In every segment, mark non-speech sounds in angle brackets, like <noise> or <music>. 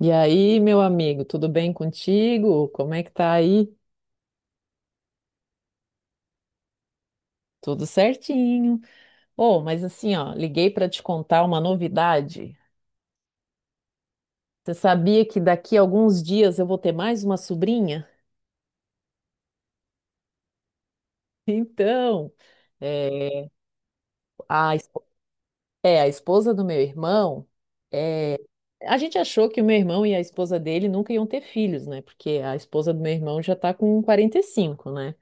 E aí, meu amigo, tudo bem contigo? Como é que tá aí? Tudo certinho. Oh, mas assim, ó, liguei para te contar uma novidade. Você sabia que daqui a alguns dias eu vou ter mais uma sobrinha? <laughs> Então, é, a, espo- a esposa do meu irmão, é, a gente achou que o meu irmão e a esposa dele nunca iam ter filhos, né? Porque a esposa do meu irmão já tá com 45, né?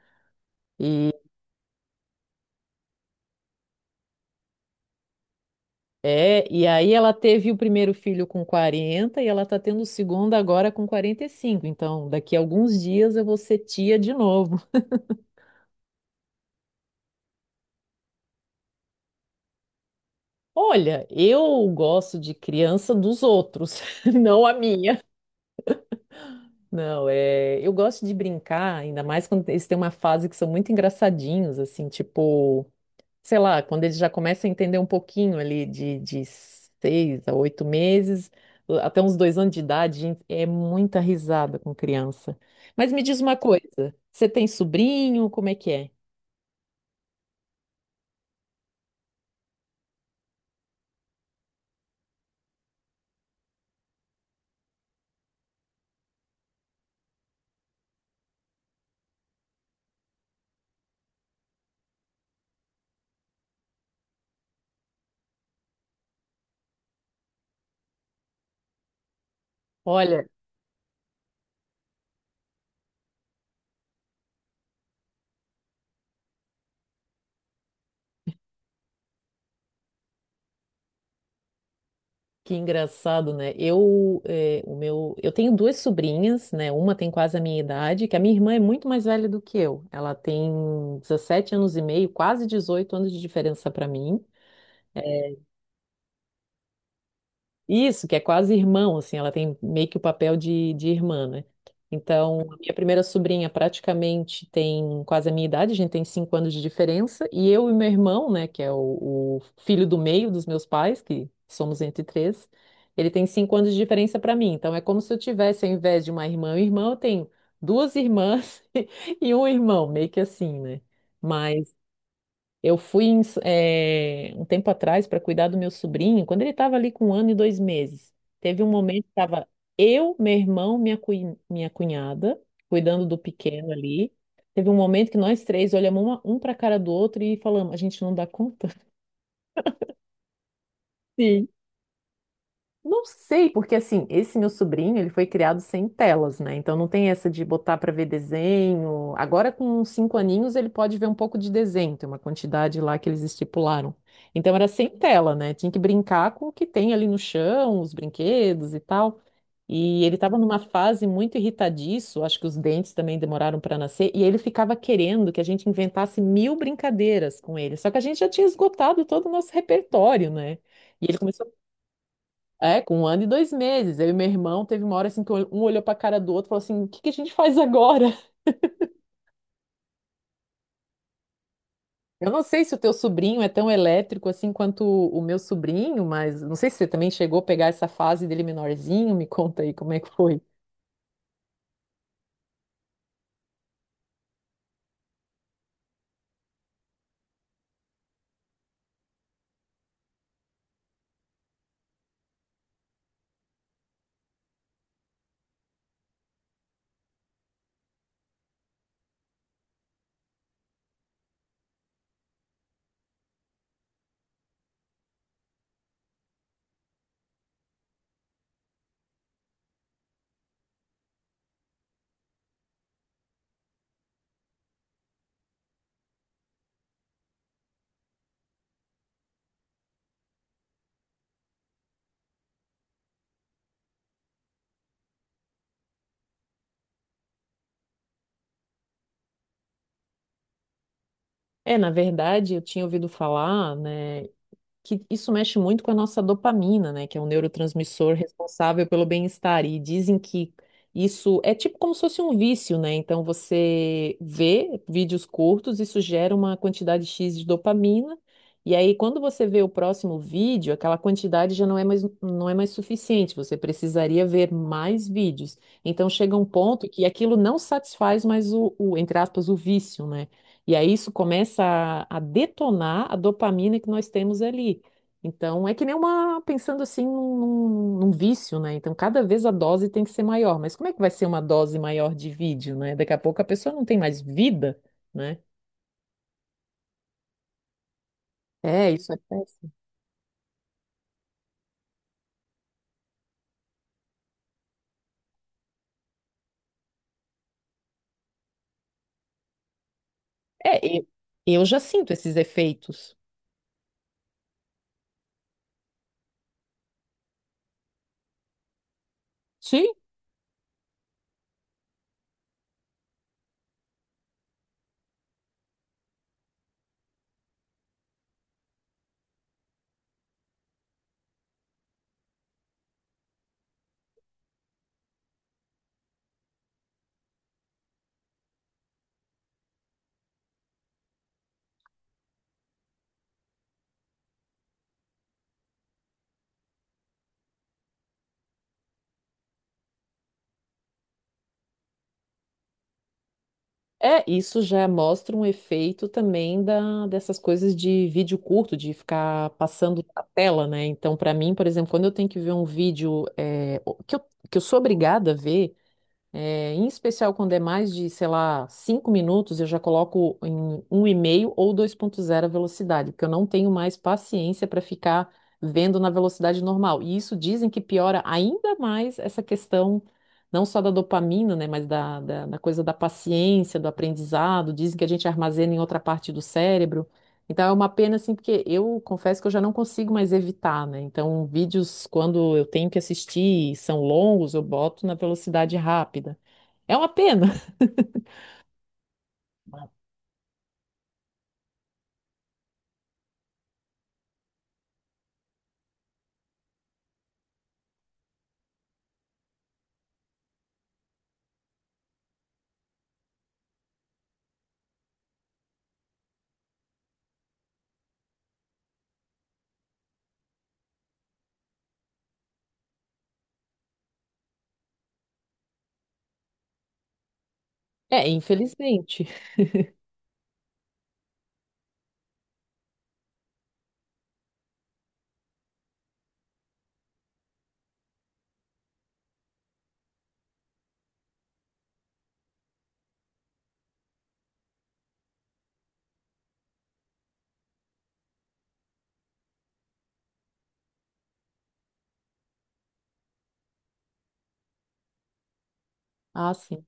É, e aí ela teve o primeiro filho com 40 e ela tá tendo o segundo agora com 45. Então, daqui a alguns dias eu vou ser tia de novo. Olha, eu gosto de criança dos outros, <laughs> não a minha. Não, eu gosto de brincar, ainda mais quando eles têm uma fase que são muito engraçadinhos, assim, tipo sei lá, quando eles já começam a entender um pouquinho ali de 6 a 8 meses, até uns 2 anos de idade, gente, é muita risada com criança. Mas me diz uma coisa, você tem sobrinho? Como é que é? Olha, que engraçado, né? Eu, eh, o meu, eu tenho duas sobrinhas, né? Uma tem quase a minha idade, que a minha irmã é muito mais velha do que eu. Ela tem 17 anos e meio, quase 18 anos de diferença para mim. Isso, que é quase irmão, assim, ela tem meio que o papel de irmã, né? Então, a minha primeira sobrinha praticamente tem quase a minha idade, a gente tem 5 anos de diferença, e eu e meu irmão, né, que é o filho do meio dos meus pais, que somos entre três, ele tem 5 anos de diferença para mim. Então, é como se eu tivesse, ao invés de uma irmã e um irmão, eu tenho duas irmãs <laughs> e um irmão, meio que assim, né? Mas eu fui um tempo atrás para cuidar do meu sobrinho, quando ele estava ali com 1 ano e 2 meses. Teve um momento que estava eu, meu irmão, minha cunhada, cuidando do pequeno ali. Teve um momento que nós três olhamos um para a cara do outro e falamos: a gente não dá conta. <laughs> Sim. Não sei, porque assim, esse meu sobrinho, ele foi criado sem telas, né? Então não tem essa de botar para ver desenho. Agora com uns cinco aninhos ele pode ver um pouco de desenho, tem uma quantidade lá que eles estipularam. Então era sem tela, né? Tinha que brincar com o que tem ali no chão, os brinquedos e tal. E ele estava numa fase muito irritadiço, acho que os dentes também demoraram para nascer, e ele ficava querendo que a gente inventasse mil brincadeiras com ele. Só que a gente já tinha esgotado todo o nosso repertório, né? E ele começou com 1 ano e 2 meses. Eu e meu irmão teve uma hora assim que um olhou pra cara do outro e falou assim: o que que a gente faz agora? <laughs> Eu não sei se o teu sobrinho é tão elétrico assim quanto o meu sobrinho, mas não sei se você também chegou a pegar essa fase dele menorzinho. Me conta aí como é que foi. É, na verdade, eu tinha ouvido falar, né, que isso mexe muito com a nossa dopamina, né? Que é um neurotransmissor responsável pelo bem-estar. E dizem que isso é tipo como se fosse um vício, né? Então você vê vídeos curtos, isso gera uma quantidade X de dopamina. E aí, quando você vê o próximo vídeo, aquela quantidade já não é mais, não é mais suficiente. Você precisaria ver mais vídeos. Então chega um ponto que aquilo não satisfaz mais entre aspas, o vício, né? E aí isso começa a detonar a dopamina que nós temos ali. Então, é que nem uma, pensando assim, num vício, né? Então, cada vez a dose tem que ser maior. Mas como é que vai ser uma dose maior de vídeo, né? Daqui a pouco a pessoa não tem mais vida, né? É, isso é péssimo. É, eu já sinto esses efeitos. É, isso já mostra um efeito também dessas coisas de vídeo curto, de ficar passando a tela, né? Então, para mim, por exemplo, quando eu tenho que ver um vídeo que eu sou obrigada a ver, é, em especial quando é mais de, sei lá, 5 minutos, eu já coloco em 1,5 ou 2,0 a velocidade, porque eu não tenho mais paciência para ficar vendo na velocidade normal. E isso dizem que piora ainda mais essa questão, não só da dopamina, né, mas da coisa da paciência, do aprendizado. Dizem que a gente armazena em outra parte do cérebro. Então é uma pena, assim, porque eu confesso que eu já não consigo mais evitar, né? Então, vídeos, quando eu tenho que assistir e são longos, eu boto na velocidade rápida. É uma pena. <laughs> É, infelizmente. Ah, sim.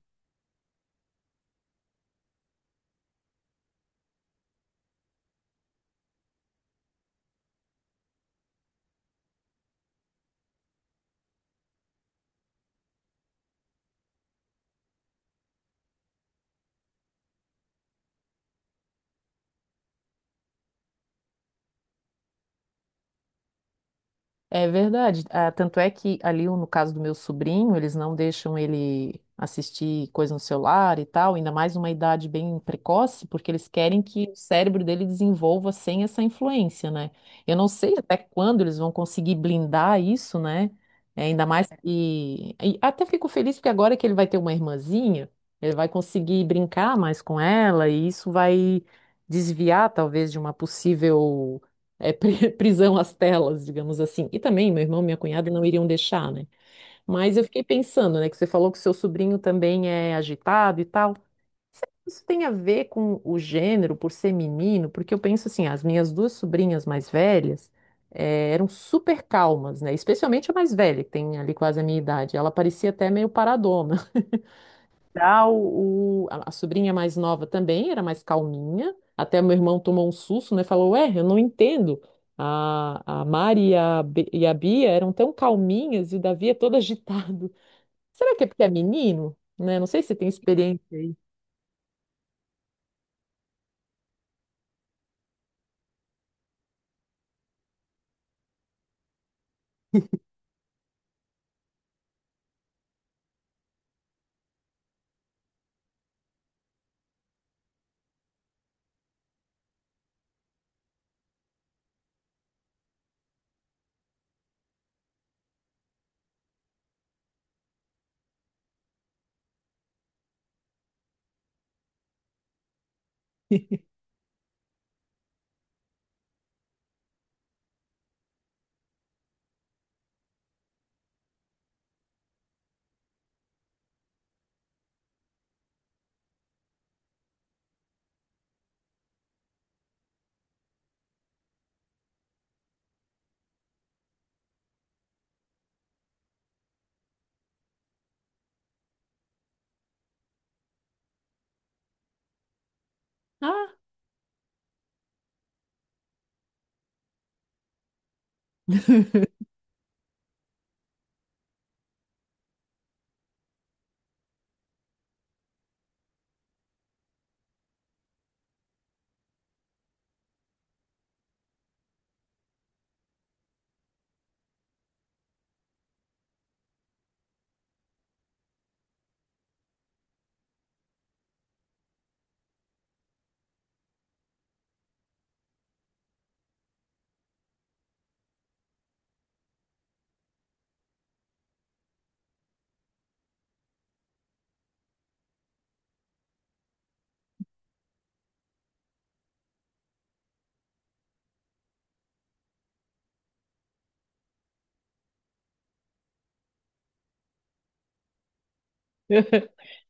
É verdade. Ah, tanto é que ali, no caso do meu sobrinho, eles não deixam ele assistir coisa no celular e tal, ainda mais uma idade bem precoce, porque eles querem que o cérebro dele desenvolva sem essa influência, né? Eu não sei até quando eles vão conseguir blindar isso, né? É, ainda mais que. E até fico feliz porque agora que ele vai ter uma irmãzinha, ele vai conseguir brincar mais com ela e isso vai desviar, talvez, de uma possível <laughs> prisão às telas, digamos assim. E também meu irmão e minha cunhada não iriam deixar, né? Mas eu fiquei pensando, né, que você falou que seu sobrinho também é agitado e tal. Será que isso tem a ver com o gênero, por ser menino, porque eu penso assim, as minhas duas sobrinhas mais velhas eram super calmas, né? Especialmente a mais velha, que tem ali quase a minha idade. Ela parecia até meio paradona. Já a sobrinha mais nova também era mais calminha. Até meu irmão tomou um susto, né? Falou, ué, eu não entendo. A Mari e a Bia eram tão calminhas e o Davi é todo <laughs> agitado. Será que é porque é menino? Né? Não sei se você tem experiência aí. Ah! <laughs>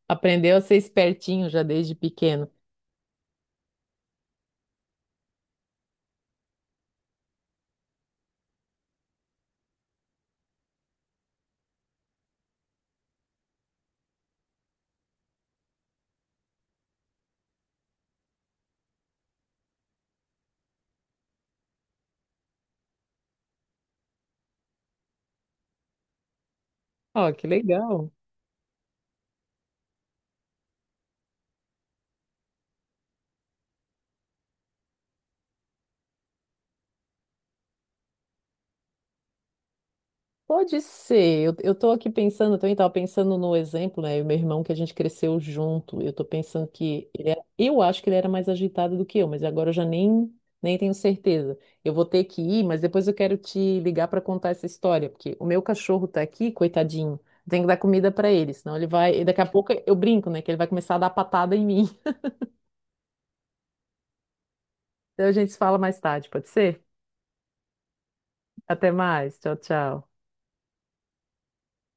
Aprendeu a ser espertinho já desde pequeno. Ó, que legal. Pode ser. Eu tô aqui pensando, eu também estava pensando no exemplo, né? O meu irmão que a gente cresceu junto. Eu tô pensando que eu acho que ele era mais agitado do que eu, mas agora eu já nem tenho certeza. Eu vou ter que ir, mas depois eu quero te ligar para contar essa história, porque o meu cachorro tá aqui, coitadinho. Tem que dar comida para ele, senão ele vai. E daqui a pouco eu brinco, né? Que ele vai começar a dar patada em mim. <laughs> Então a gente se fala mais tarde, pode ser? Até mais. Tchau, tchau.